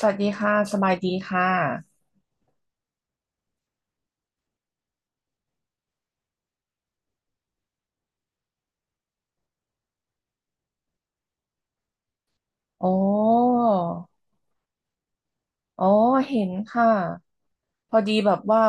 สวัสดีค่ะสบายดีค่ะอ๋ออ๋อเห็นค่ะพอดีแบบว่า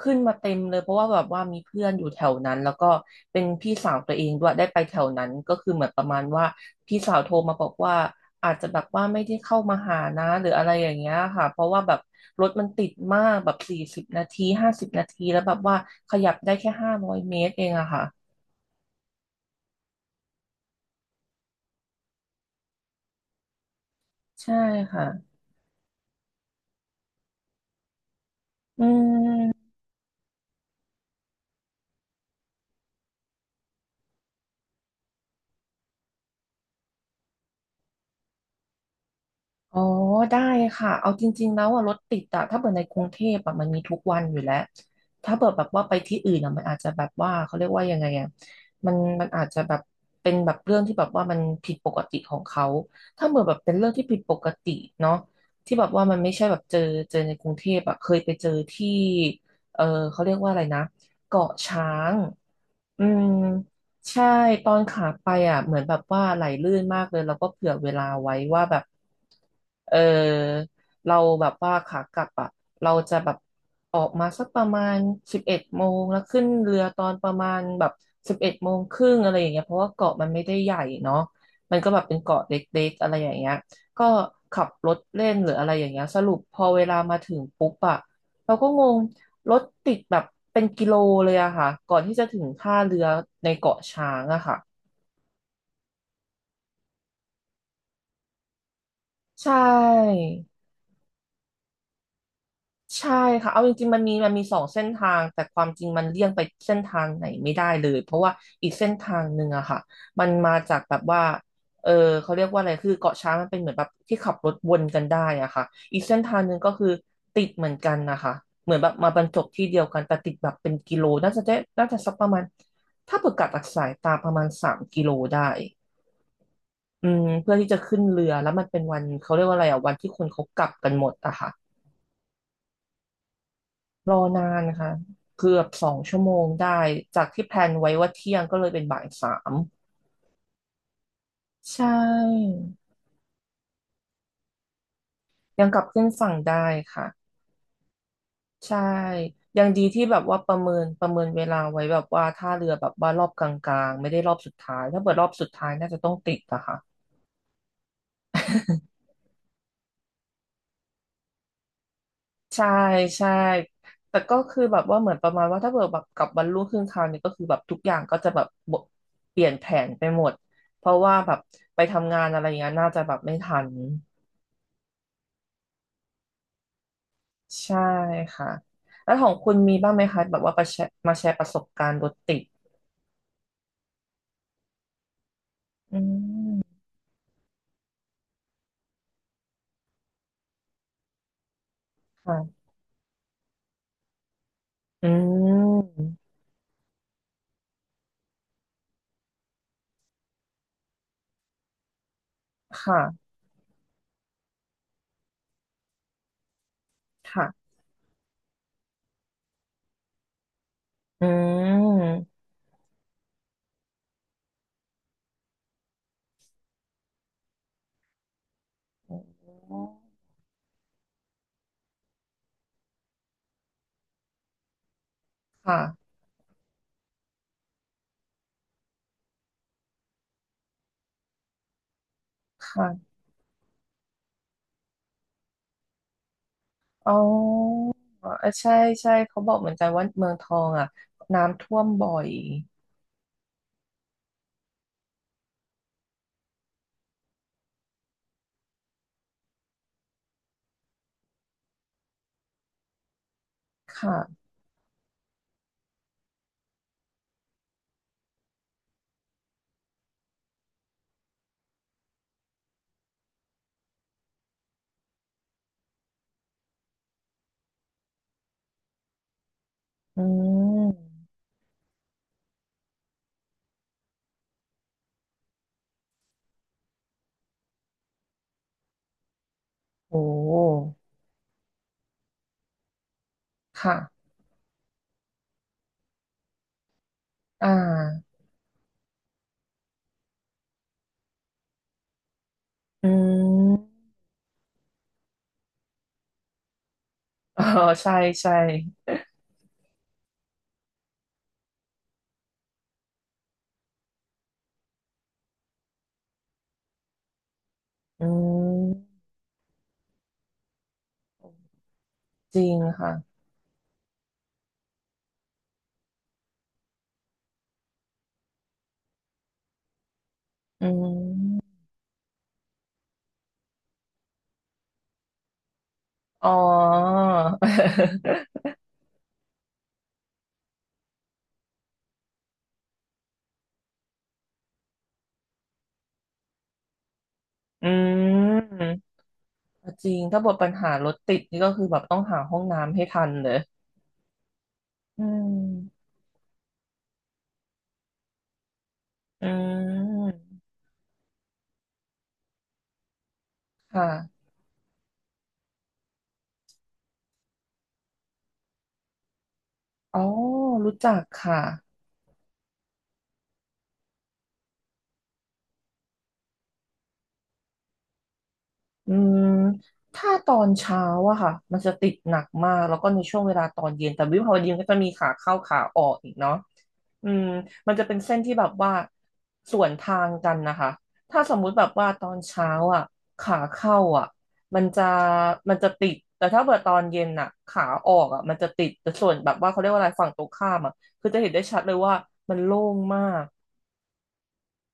ขึ้นมาเต็มเลยเพราะว่าแบบว่ามีเพื่อนอยู่แถวนั้นแล้วก็เป็นพี่สาวตัวเองด้วยได้ไปแถวนั้นก็คือเหมือนประมาณว่าพี่สาวโทรมาบอกว่าอาจจะแบบว่าไม่ได้เข้ามาหานะหรืออะไรอย่างเงี้ยค่ะเพราะว่าแบบรถมันติดมากแบบ40 นาที50 นาทีแล้วแบบว่าขยับได้แค่500 เมตรเองอะค่ะใช่ค่ะอืม อ๋อได้ค่ะเอาจริงๆแล้วอะรถติดอะถ้าเปิดในกรุงเทพอะมันมีทุกวันอยู่แล้วถ้าเปิดแบบว่าไปที่อื่นอะมันอาจจะแบบว่าเขาเรียกว่ายังไงอะมันมันอาจจะแบบเป็นแบบเรื่องที่แบบว่ามันผิดปกติของเขาถ้าเปิดแบบเป็นเรื่องที่ผิดปกติเนาะที่แบบว่ามันไม่ใช่แบบเจอเจอในกรุงเทพอะเคยไปเจอที่เออเขาเรียกว่าอะไรนะเกาะช้างอืม ใช่ตอนขาไปอ่ะเหมือนแบบว่าไหลลื่นมากเลยแล้วก็เผื่อเวลาไว้ว่าแบบเออเราแบบว่าขากลับอ่ะเราจะแบบออกมาสักประมาณสิบเอ็ดโมงแล้วขึ้นเรือตอนประมาณแบบ11 โมงครึ่งอะไรอย่างเงี้ยเพราะว่าเกาะมันไม่ได้ใหญ่เนาะมันก็แบบเป็นเกาะเล็กๆอะไรอย่างเงี้ยก็ขับรถเล่นหรืออะไรอย่างเงี้ยสรุปพอเวลามาถึงปุ๊บอ่ะ เราก็งงรถติดแบบเป็นกิโลเลยอะค่ะ ก่อนที่จะถึงท่าเรือในเกาะช้างอะค่ะ ใช่ ใช่ค่ะเอาจริงๆมันมีมันมีสองเส้นทางแต่ความจริงมันเลี่ยงไปเส้นทางไหนไม่ได้เลยเพราะว่าอีกเส้นทางหนึ่งอะค่ะมันมาจากแบบว่าเออเขาเรียกว่าอะไรคือเกาะช้างมันเป็นเหมือนแบบที่ขับรถวนกันได้อะค่ะอีกเส้นทางหนึ่งก็คือติดเหมือนกันนะคะเหมือนแบบมาบรรจบที่เดียวกันแต่ติดแบบเป็นกิโลน่าจะได้น่าจะสักประมาณถ้าเปิดกัดจากสายตาประมาณ3 กิโลได้อืมเพื่อที่จะขึ้นเรือแล้วมันเป็นวันเขาเรียกว่าอะไรอะวันที่คนเขากลับกันหมดอะค่ะ รอนานค่ะเกือบ2 ชั่วโมงได้จากที่แพลนไว้ว่าเที่ยงก็เลยเป็นบ่าย 3ใช่ยังกลับขึ้นฝั่งได้ค่ะใช่ยังดีที่แบบว่าประเมินเวลาไว้แบบว่าท่าเรือแบบว่ารอบกลางๆไม่ได้รอบสุดท้ายถ้าเปิดรอบสุดท้ายน่าจะต้องติดอะค่ะ ใช่ใช่แต่ก็คือแบบว่าเหมือนประมาณว่าถ้าเกิดแบบกลับวันรุ่งขึ้นคราวนี้ก็คือแบบทุกอย่างก็จะแบบเปลี่ยนแผนไปหมดเพราะว่าแบบไปทำงานอะไรอย่างเงี้ยน่าจะแบบไม่ทัน ใช่ค่ะแล้วของคุณมีบ้างไหมคะแบบว่าประแชร์มาแชร์ประสบการณ์รถติดอืมค่ะอืมค่ะค่ะอืมอ๋อค่ะค่ะอ๋อเออใช่ใช่เขาบอกเหมือนกันว่าเมืองทองอ่ะน้ำท่วมบ่อยค่ะอืมโอ้ค่ะอ่าอืมอ๋อใช่ใช่อืมจริงค่ะอืม อ๋อ อืมจริง ถ้าบทปัญหารถติดนี่ก็คือแบบต้องหาห้องน้ำให้ทันเลยอืมอืมค่ะอ๋อ รู้จักค่ะอืมถ้าตอนเช้าอะค่ะ มันจะติดหนักมาก แล้วก็ในช่วงเวลาตอนเย็นแต่วิภาวดีมันก็จะมีขาเข้าขาออกอีกเนาะ อืมมันจะเป็นเส้นที่แบบว่าสวนทางกันนะคะถ้าสมมุติแบบว่าตอนเช้าอ่ะขาเข้าอ่ะมันจะมันจะติดแต่ถ้าเกิดตอนเย็นอ่ะขาออกอ่ะมันจะติดแต่ส่วนแบบว่าเขาเรียกว่าอะไรฝั่งตรงข้ามอ่ะคือจะเห็นได้ชัดเลยว่ามันโล่งมาก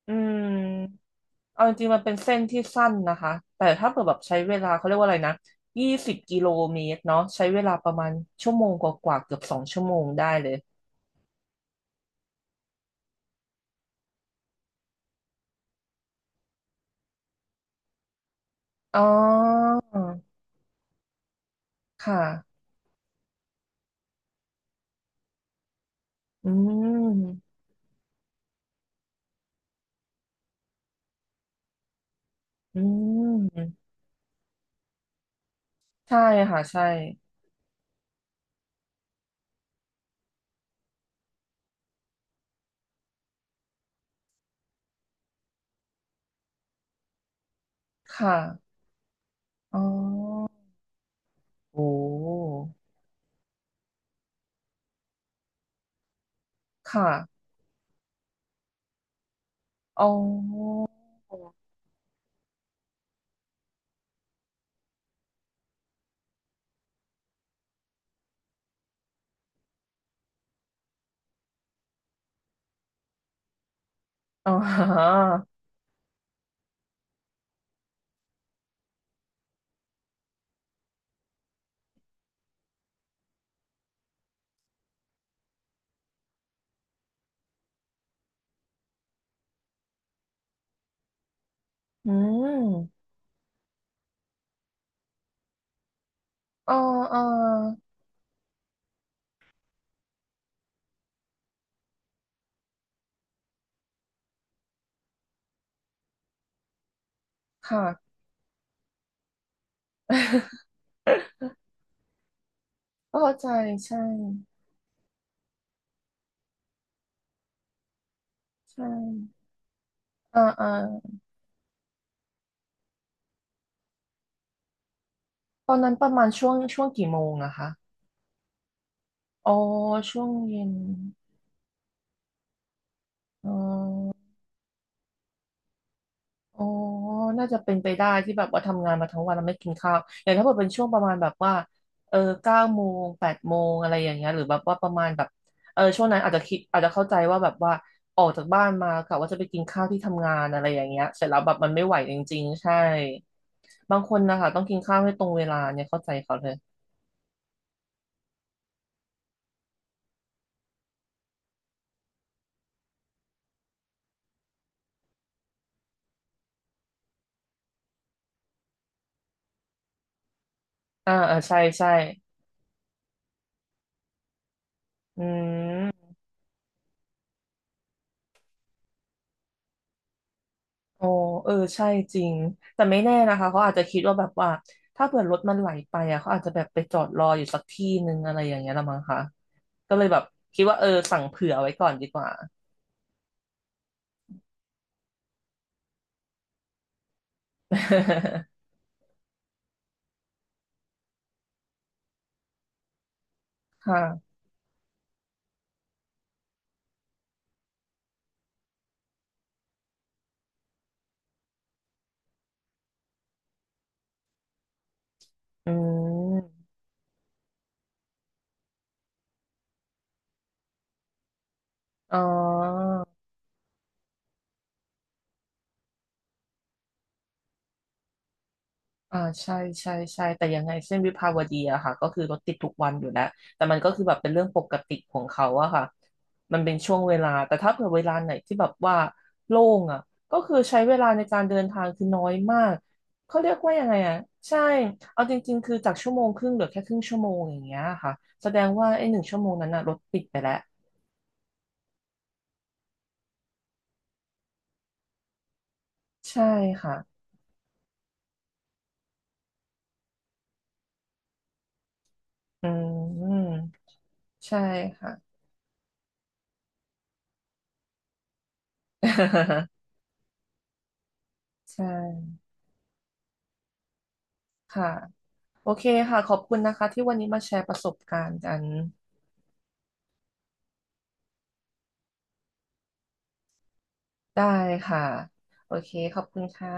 อืมเอาจริงๆมันเป็นเส้นที่สั้นนะคะแต่ถ้าเกิดแบบใช้เวลาเขาเรียกว่าอะไรนะ20 กิโลเมตรเนาะใช้เวลาประมาณชั่วโมงกว่าๆเกือบสองชั่วโมงได้เลยอ๋อค่ะ อืมอืมใช่ค่ะใช่ค่ะอ๋อโอ้ค่ะอ๋ออ๋ออืมอ๋ออ๋อค่ะเข้าใจใช่ใช่อ่าอ่าตอนนั้นประมาณช่วงช่วงกี่โมงอะคะอ๋อช่วงเย็นอ๋อ อ๋อน่าจะเป็นไปได้ที่แบบว่าทำงานมาทั้งวันแล้วไม่กินข้าวอย่างถ้าเกิดเป็นช่วงประมาณแบบว่าเออเก้าโมงแปดโมงอะไรอย่างเงี้ยหรือแบบว่าประมาณแบบเออช่วงนั้นอาจจะคิดอาจจะเข้าใจว่าแบบว่าออกจากบ้านมากะว่าจะไปกินข้าวที่ทำงานอะไรอย่างเงี้ยเสร็จแล้วแบบมันไม่ไหวจริงๆใช่บางคนนะคะต้องกินข้าวให้ตรงเวลาเนี่ยเข้าใจเขาเลยอ่าอ่าใช่ใช่อืม อ๋อเออ ใช่จริง แต่ไม่แน่นะคะ เขาอาจจะคิดว่าแบบว่า ถ้าเผื่อรถมันไหลไปอ่ะเขาอาจจะแบบไปจอดรออยู่สักที่นึงอะไรอย่างเงี้ยละมั้งคะก็เลยแบบคิดว่าเออสั่งเผื่อไว้ก่อนดีกว่า ค่ะอืม อ๋อ อ่าใช่ใช่ใช่แต่ยังไงเส้นวิภาวดีอะค่ะก็คือรถติดทุกวันอยู่แล้วแต่มันก็คือแบบเป็นเรื่องปกติของเขาอะค่ะมันเป็นช่วงเวลาแต่ถ้าเผื่อเวลาไหนที่แบบว่าโล่งอะก็คือใช้เวลาในการเดินทางคือน้อยมากเขาเรียกว่ายังไงอะใช่เอาจริงๆคือจากชั่วโมงครึ่งเหลือแค่ครึ่งชั่วโมงอย่างเงี้ยค่ะแสดงว่าไอ้1 ชั่วโมงนั้นอะรถติดไปแล้วใช่ค่ะอืมใช่ค่ะ ใช่ค่ะ โอเคค่ะขอบคุณนะคะที่วันนี้มาแชร์ประสบการณ์กันได้ค่ะโอเคขอบคุณค่ะ